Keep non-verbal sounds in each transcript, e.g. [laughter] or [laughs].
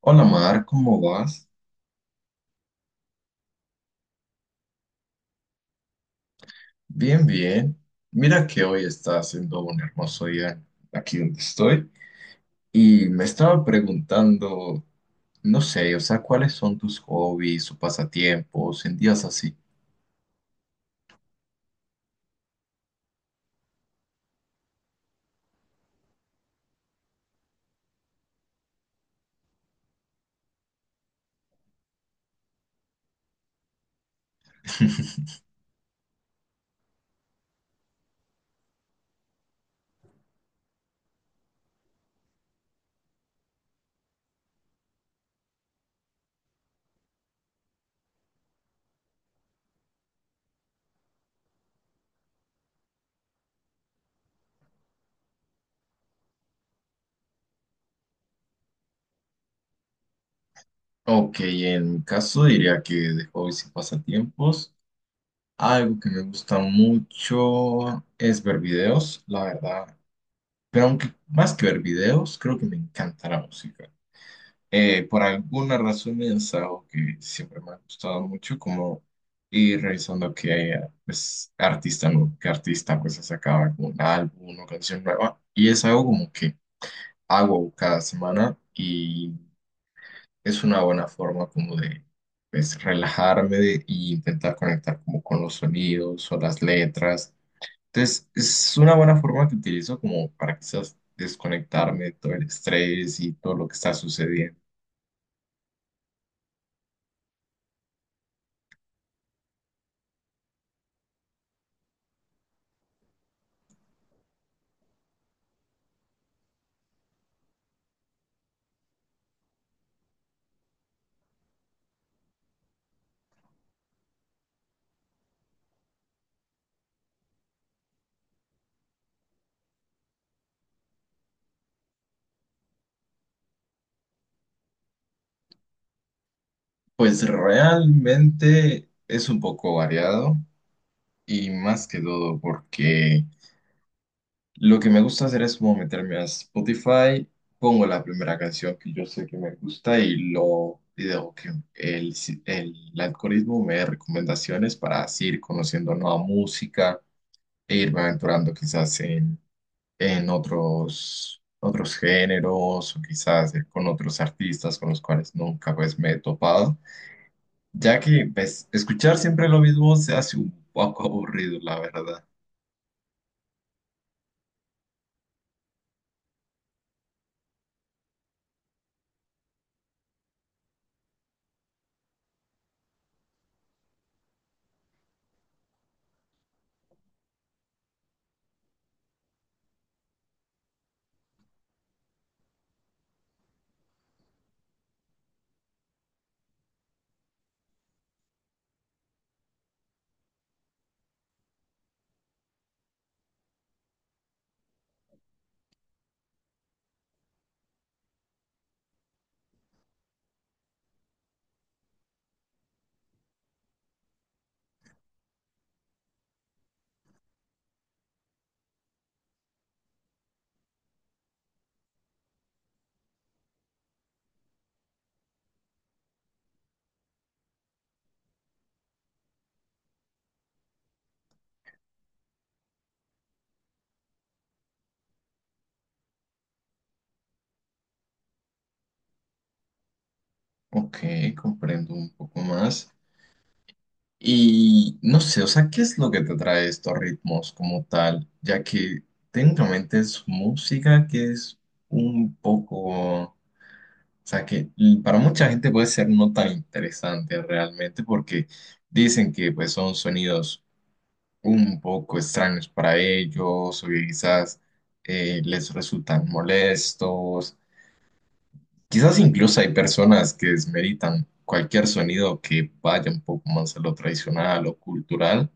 Hola Mar, ¿cómo vas? Bien, bien. Mira que hoy está haciendo un hermoso día aquí donde estoy y me estaba preguntando, no sé, o sea, ¿cuáles son tus hobbies o pasatiempos en días así? [laughs] Ok, en mi caso diría que de hobbies y pasatiempos, algo que me gusta mucho es ver videos, la verdad. Pero aunque más que ver videos, creo que me encanta la música. Por alguna razón es algo que siempre me ha gustado mucho, como ir revisando que haya, pues, artista, ¿no? Que artista pues sacaba como un álbum, una canción nueva. Y es algo como que hago cada semana y es una buena forma como de, pues, relajarme y intentar conectar como con los sonidos o las letras. Entonces, es una buena forma que utilizo como para quizás desconectarme de todo el estrés y todo lo que está sucediendo. Pues realmente es un poco variado y más que todo porque lo que me gusta hacer es como meterme a Spotify, pongo la primera canción que yo sé que me gusta y dejo que el, si- el algoritmo me dé recomendaciones para así ir conociendo nueva música e irme aventurando quizás en otros géneros o quizás con otros artistas con los cuales nunca pues me he topado. Ya que pues, escuchar siempre lo mismo se hace un poco aburrido, la verdad. Ok, comprendo un poco más. Y no sé, o sea, ¿qué es lo que te trae estos ritmos como tal? Ya que técnicamente es música que es un poco, o sea, que para mucha gente puede ser no tan interesante realmente porque dicen que pues son sonidos un poco extraños para ellos o que quizás les resultan molestos. Quizás incluso hay personas que desmeritan cualquier sonido que vaya un poco más a lo tradicional o cultural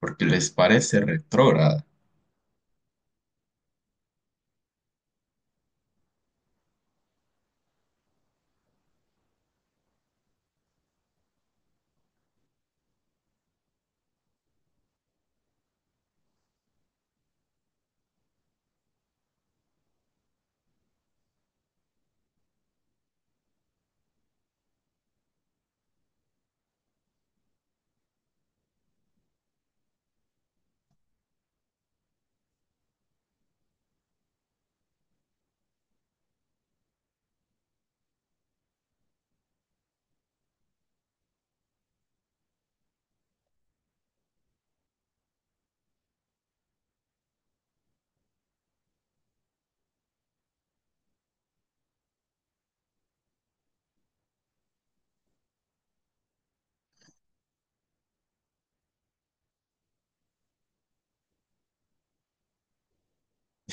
porque les parece retrógrada.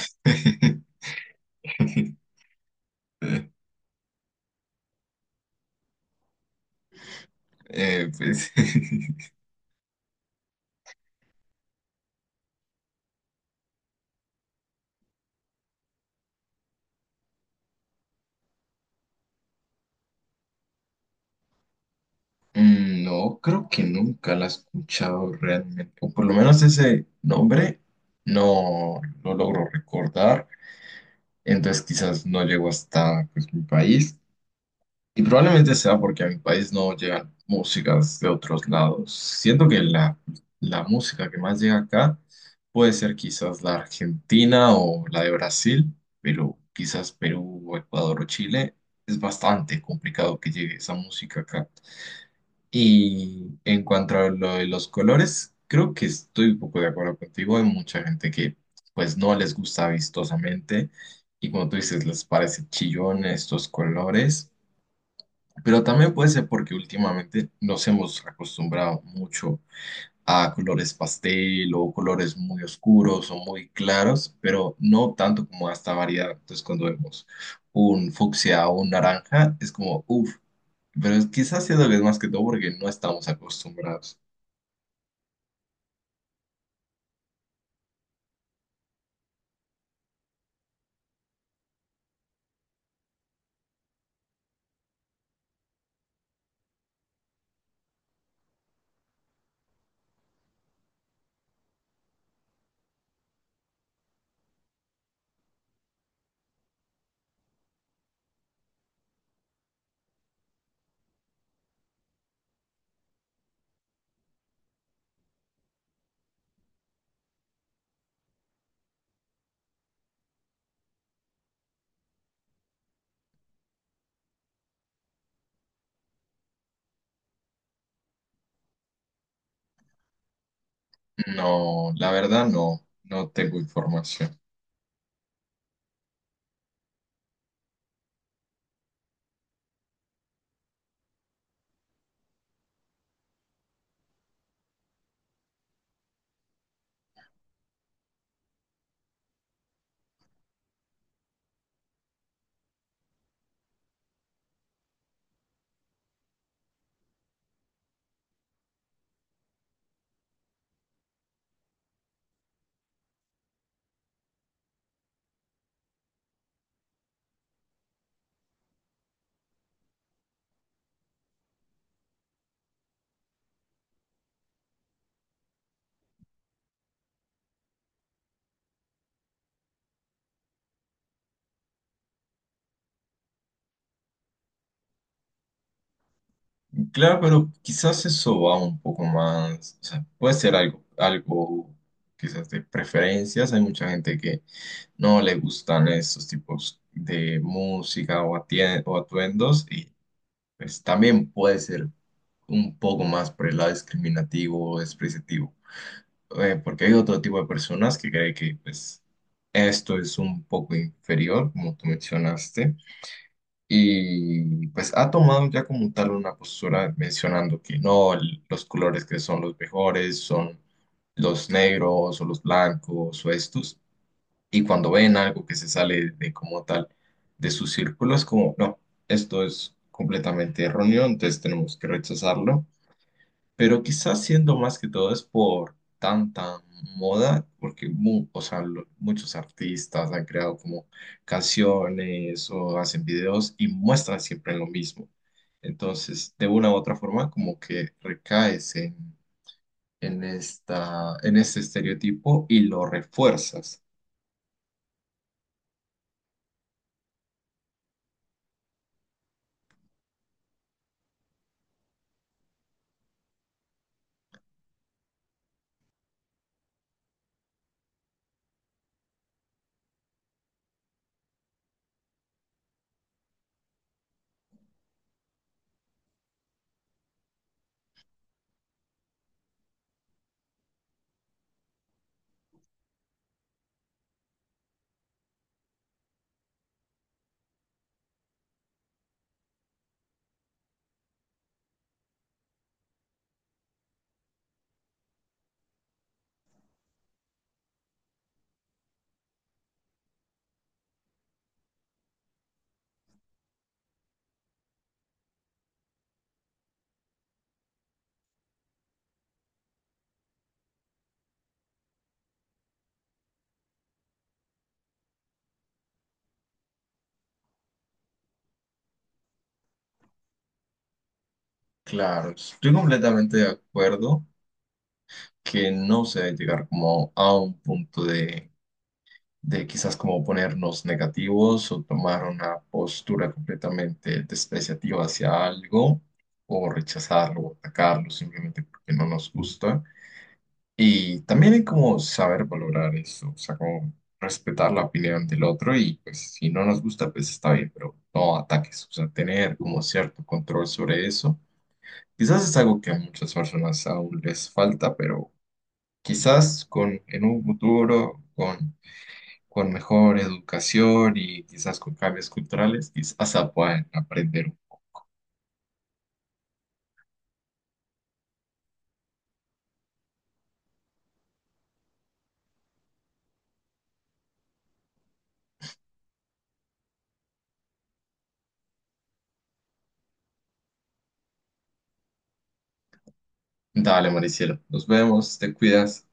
[laughs] Pues, [laughs] mm, no, creo que nunca la he escuchado realmente, o por lo menos ese nombre no lo logro recordar, entonces quizás no llego hasta pues, mi país. Y probablemente sea porque a mi país no llegan músicas de otros lados. Siento que la música que más llega acá puede ser quizás la argentina o la de Brasil, pero quizás Perú o Ecuador o Chile es bastante complicado que llegue esa música acá. Y en cuanto a lo de los colores, creo que estoy un poco de acuerdo contigo. Hay mucha gente que pues no les gusta vistosamente y como tú dices, les parece chillón estos colores. Pero también puede ser porque últimamente nos hemos acostumbrado mucho a colores pastel o colores muy oscuros o muy claros, pero no tanto como a esta variedad. Entonces, cuando vemos un fucsia o un naranja, es como, uff, pero quizás siendo que es más que todo porque no estamos acostumbrados. No, la verdad no, no tengo información. Claro, pero quizás eso va un poco más, o sea, puede ser algo, algo quizás de preferencias. Hay mucha gente que no le gustan estos tipos de música o, o atuendos y pues también puede ser un poco más por el lado discriminativo o despreciativo. Porque hay otro tipo de personas que cree que pues esto es un poco inferior, como tú mencionaste, y pues ha tomado ya como tal una postura mencionando que no, los colores que son los mejores son los negros o los blancos o estos. Y cuando ven algo que se sale de como tal de su círculo, es como, no, esto es completamente erróneo, entonces tenemos que rechazarlo. Pero quizás siendo más que todo es por tanta moda, porque o sea, muchos artistas han creado como canciones o hacen videos y muestran siempre lo mismo. Entonces, de una u otra forma, como que recaes en en este estereotipo y lo refuerzas. Claro, estoy completamente de acuerdo que no se debe llegar como a un punto de quizás como ponernos negativos o tomar una postura completamente despreciativa hacia algo o rechazarlo o atacarlo simplemente porque no nos gusta. Y también hay como saber valorar eso, o sea, como respetar la opinión del otro y pues si no nos gusta, pues está bien, pero no ataques, o sea, tener como cierto control sobre eso. Quizás es algo que a muchas personas aún les falta, pero quizás en un futuro, con mejor educación y quizás con cambios culturales, quizás se puedan aprender. Dale, Maricielo, nos vemos, te cuidas.